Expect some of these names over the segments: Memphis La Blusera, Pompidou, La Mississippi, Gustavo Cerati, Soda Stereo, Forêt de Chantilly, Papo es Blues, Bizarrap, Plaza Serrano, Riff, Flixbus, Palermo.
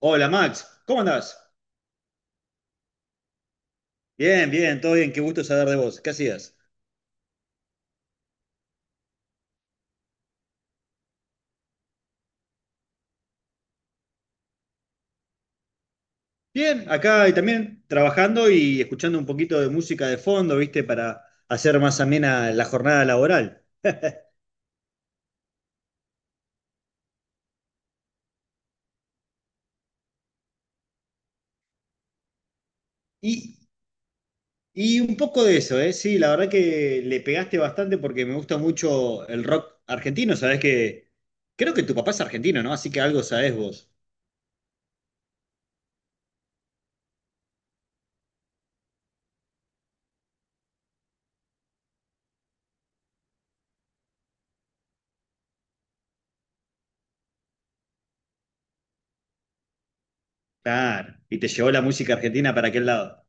Hola Max, ¿cómo andás? Bien, bien, todo bien, qué gusto saber de vos. ¿Qué hacías? Bien, acá y también trabajando y escuchando un poquito de música de fondo, ¿viste? Para hacer más amena la jornada laboral. Y, y un poco de eso, ¿eh? Sí, la verdad que le pegaste bastante porque me gusta mucho el rock argentino, sabés que creo que tu papá es argentino, ¿no? Así que algo sabés vos. Claro, y te llevó la música argentina para aquel lado.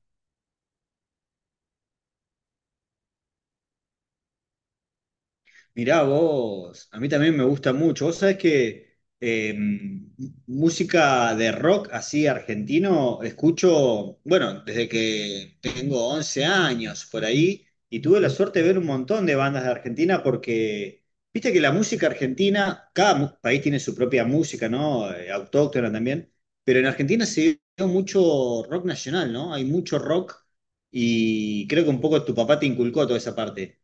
Mirá vos, a mí también me gusta mucho. Vos sabés que música de rock así argentino escucho, bueno, desde que tengo 11 años por ahí, y tuve la suerte de ver un montón de bandas de Argentina porque, viste que la música argentina, país tiene su propia música, ¿no? Autóctona también, pero en Argentina se dio mucho rock nacional, ¿no? Hay mucho rock y creo que un poco tu papá te inculcó toda esa parte,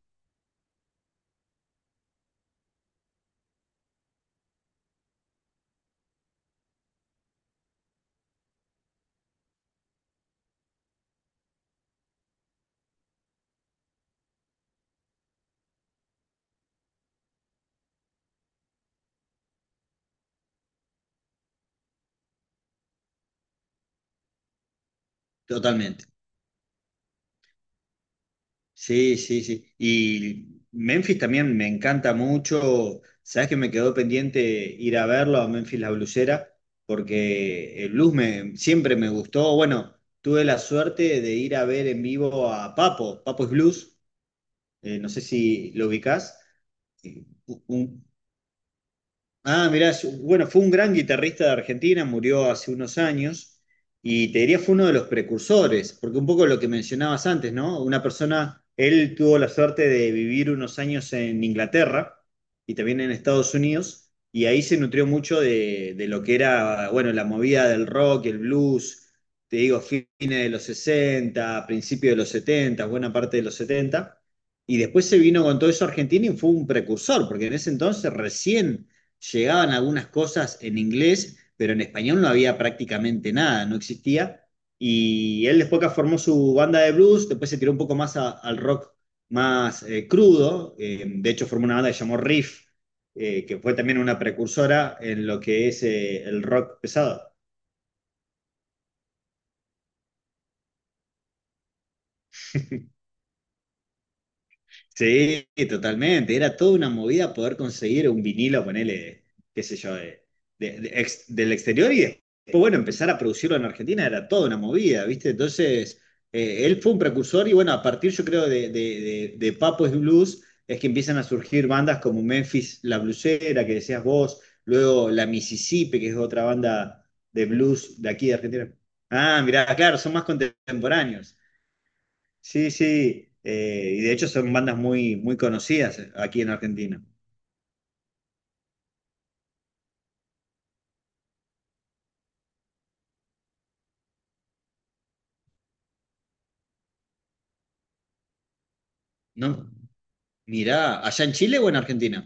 totalmente. Sí, sí, sí. Y Memphis también me encanta mucho. Sabes que me quedó pendiente ir a verlo a Memphis la Blusera, porque el blues me, siempre me gustó. Bueno, tuve la suerte de ir a ver en vivo a Papo. Papo es blues. No sé si lo ubicás. Un, Ah, mirá, bueno, fue un gran guitarrista de Argentina, murió hace unos años y te diría fue uno de los precursores, porque un poco lo que mencionabas antes, ¿no? Una persona, él tuvo la suerte de vivir unos años en Inglaterra y también en Estados Unidos y ahí se nutrió mucho de lo que era, bueno, la movida del rock, el blues, te digo, fines de los 60, principios de los 70, buena parte de los setenta. Y después se vino con todo eso a Argentina y fue un precursor, porque en ese entonces recién llegaban algunas cosas en inglés, pero en español no había prácticamente nada, no existía. Y él después que formó su banda de blues, después se tiró un poco más al rock más crudo. De hecho, formó una banda que se llamó Riff, que fue también una precursora en lo que es el rock pesado. Sí, totalmente. Era toda una movida poder conseguir un vinilo, ponele, qué sé yo, del exterior y después, bueno, empezar a producirlo en Argentina era toda una movida, ¿viste? Entonces, él fue un precursor y bueno, a partir yo creo de Papo es Blues es que empiezan a surgir bandas como Memphis La Blusera, que decías vos, luego La Mississippi, que es otra banda de blues de aquí de Argentina. Ah, mirá, claro, son más contemporáneos. Sí, sí, y de hecho son bandas muy, muy conocidas aquí en Argentina. No, mirá, ¿allá en Chile o en Argentina?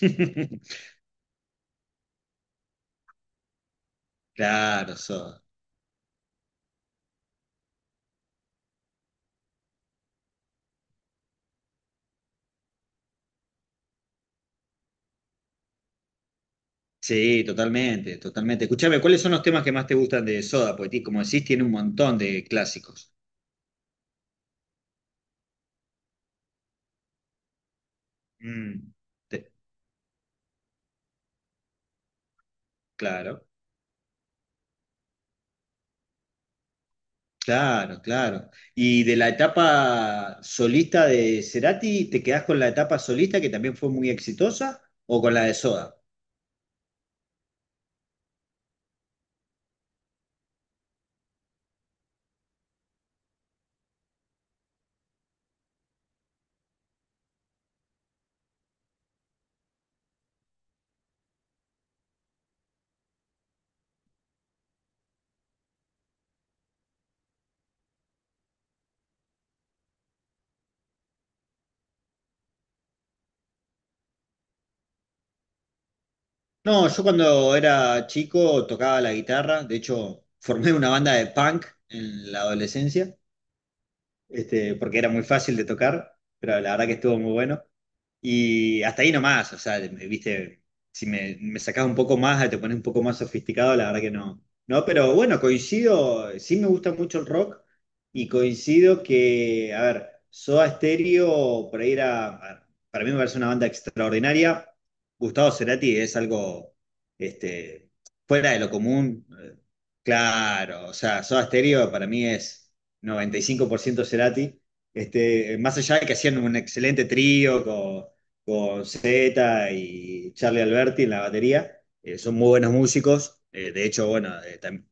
Claro, Soda. Sí, totalmente, totalmente. Escuchame, ¿cuáles son los temas que más te gustan de Soda? Porque, como decís, tiene un montón de clásicos. Mm, te- claro, claro, claro. Y de la etapa solista de Cerati, ¿te quedás con la etapa solista que también fue muy exitosa o con la de Soda? No, yo cuando era chico tocaba la guitarra, de hecho formé una banda de punk en la adolescencia, este, porque era muy fácil de tocar, pero la verdad que estuvo muy bueno. Y hasta ahí nomás, o sea, viste, si me, me sacás un poco más, te pones un poco más sofisticado, la verdad que no. No, pero bueno, coincido, sí me gusta mucho el rock y coincido que, a ver, Soda Stereo, por ahí era, a ver, para mí me parece una banda extraordinaria. Gustavo Cerati es algo, este, fuera de lo común, claro, o sea, Soda Stereo para mí es 95% Cerati. Este, más allá de que hacían un excelente trío con Zeta y Charlie Alberti en la batería. Son muy buenos músicos. De hecho, bueno,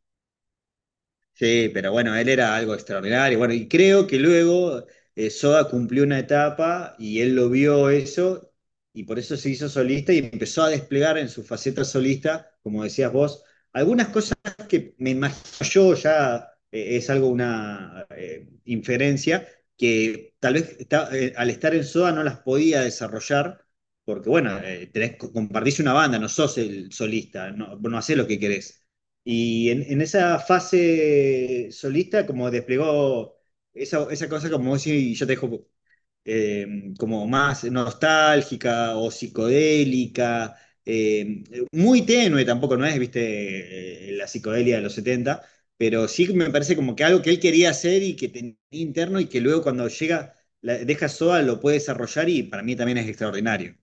sí, pero bueno, él era algo extraordinario. Bueno, y creo que luego Soda cumplió una etapa y él lo vio eso y por eso se hizo solista y empezó a desplegar en su faceta solista, como decías vos, algunas cosas que me imagino yo ya es algo, una inferencia, que al estar en Soda no las podía desarrollar. Porque bueno, tenés, compartís una banda, no sos el solista, no, no hacés lo que querés. Y en esa fase solista, como desplegó esa cosa, como si yo te dejo como más nostálgica o psicodélica, eh, muy tenue tampoco, no es, viste, la psicodelia de los 70 pero sí me parece como que algo que él quería hacer y que tenía interno y que luego cuando llega, la, deja Soda, lo puede desarrollar y para mí también es extraordinario.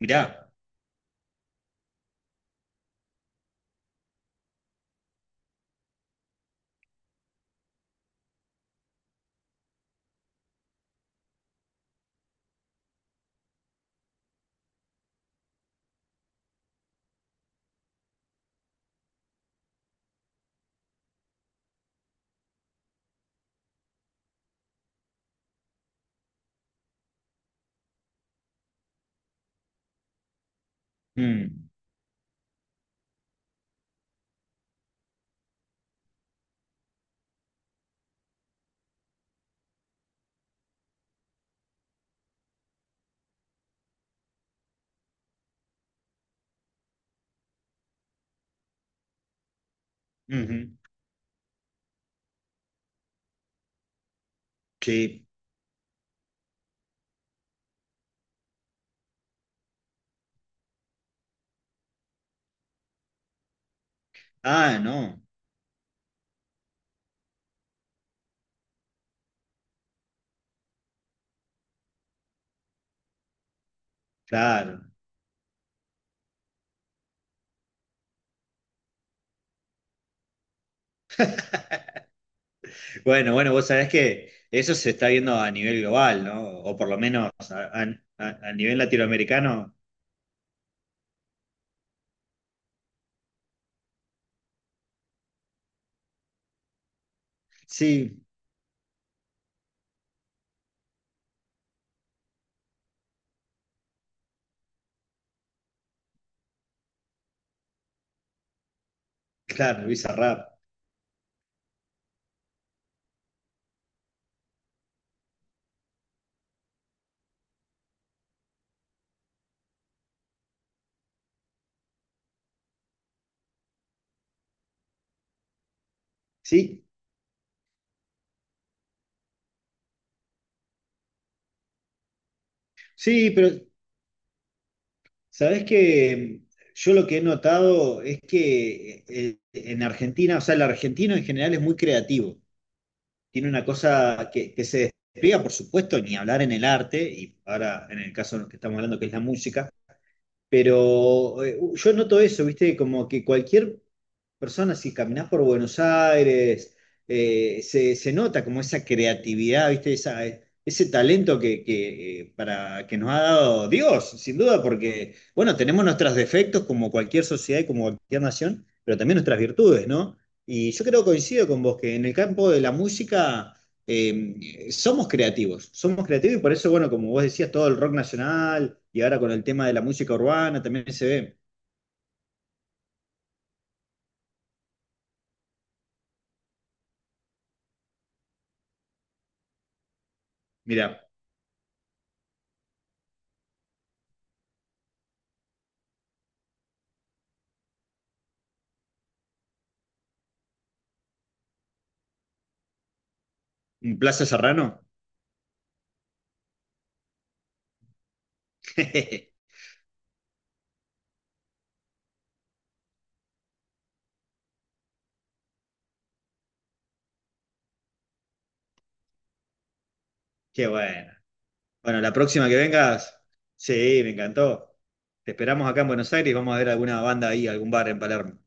Mirá. Mm, ujú, sí. Ah, no, claro. Bueno, bueno, vos sabés que eso se está viendo a nivel global, ¿no? O por lo menos a, a nivel latinoamericano. Sí, claro, Bizarrap. Sí, sí, pero sabés que yo lo que he notado es que en Argentina, o sea, el argentino en general es muy creativo. Tiene una cosa que se despliega, por supuesto, ni hablar en el arte, y ahora en el caso en el que estamos hablando, que es la música. Pero yo noto eso, ¿viste? Como que cualquier personas, si caminás por Buenos Aires, se nota como esa creatividad, ¿viste? Esa, ese talento que nos ha dado Dios, sin duda, porque, bueno, tenemos nuestros defectos como cualquier sociedad y como cualquier nación, pero también nuestras virtudes, ¿no? Y yo creo, coincido con vos, que en el campo de la música... somos creativos y por eso, bueno, como vos decías, todo el rock nacional y ahora con el tema de la música urbana también se ve. Mira, Plaza Serrano. Qué bueno. Bueno, la próxima que vengas, sí, me encantó. Te esperamos acá en Buenos Aires y vamos a ver alguna banda ahí, algún bar en Palermo.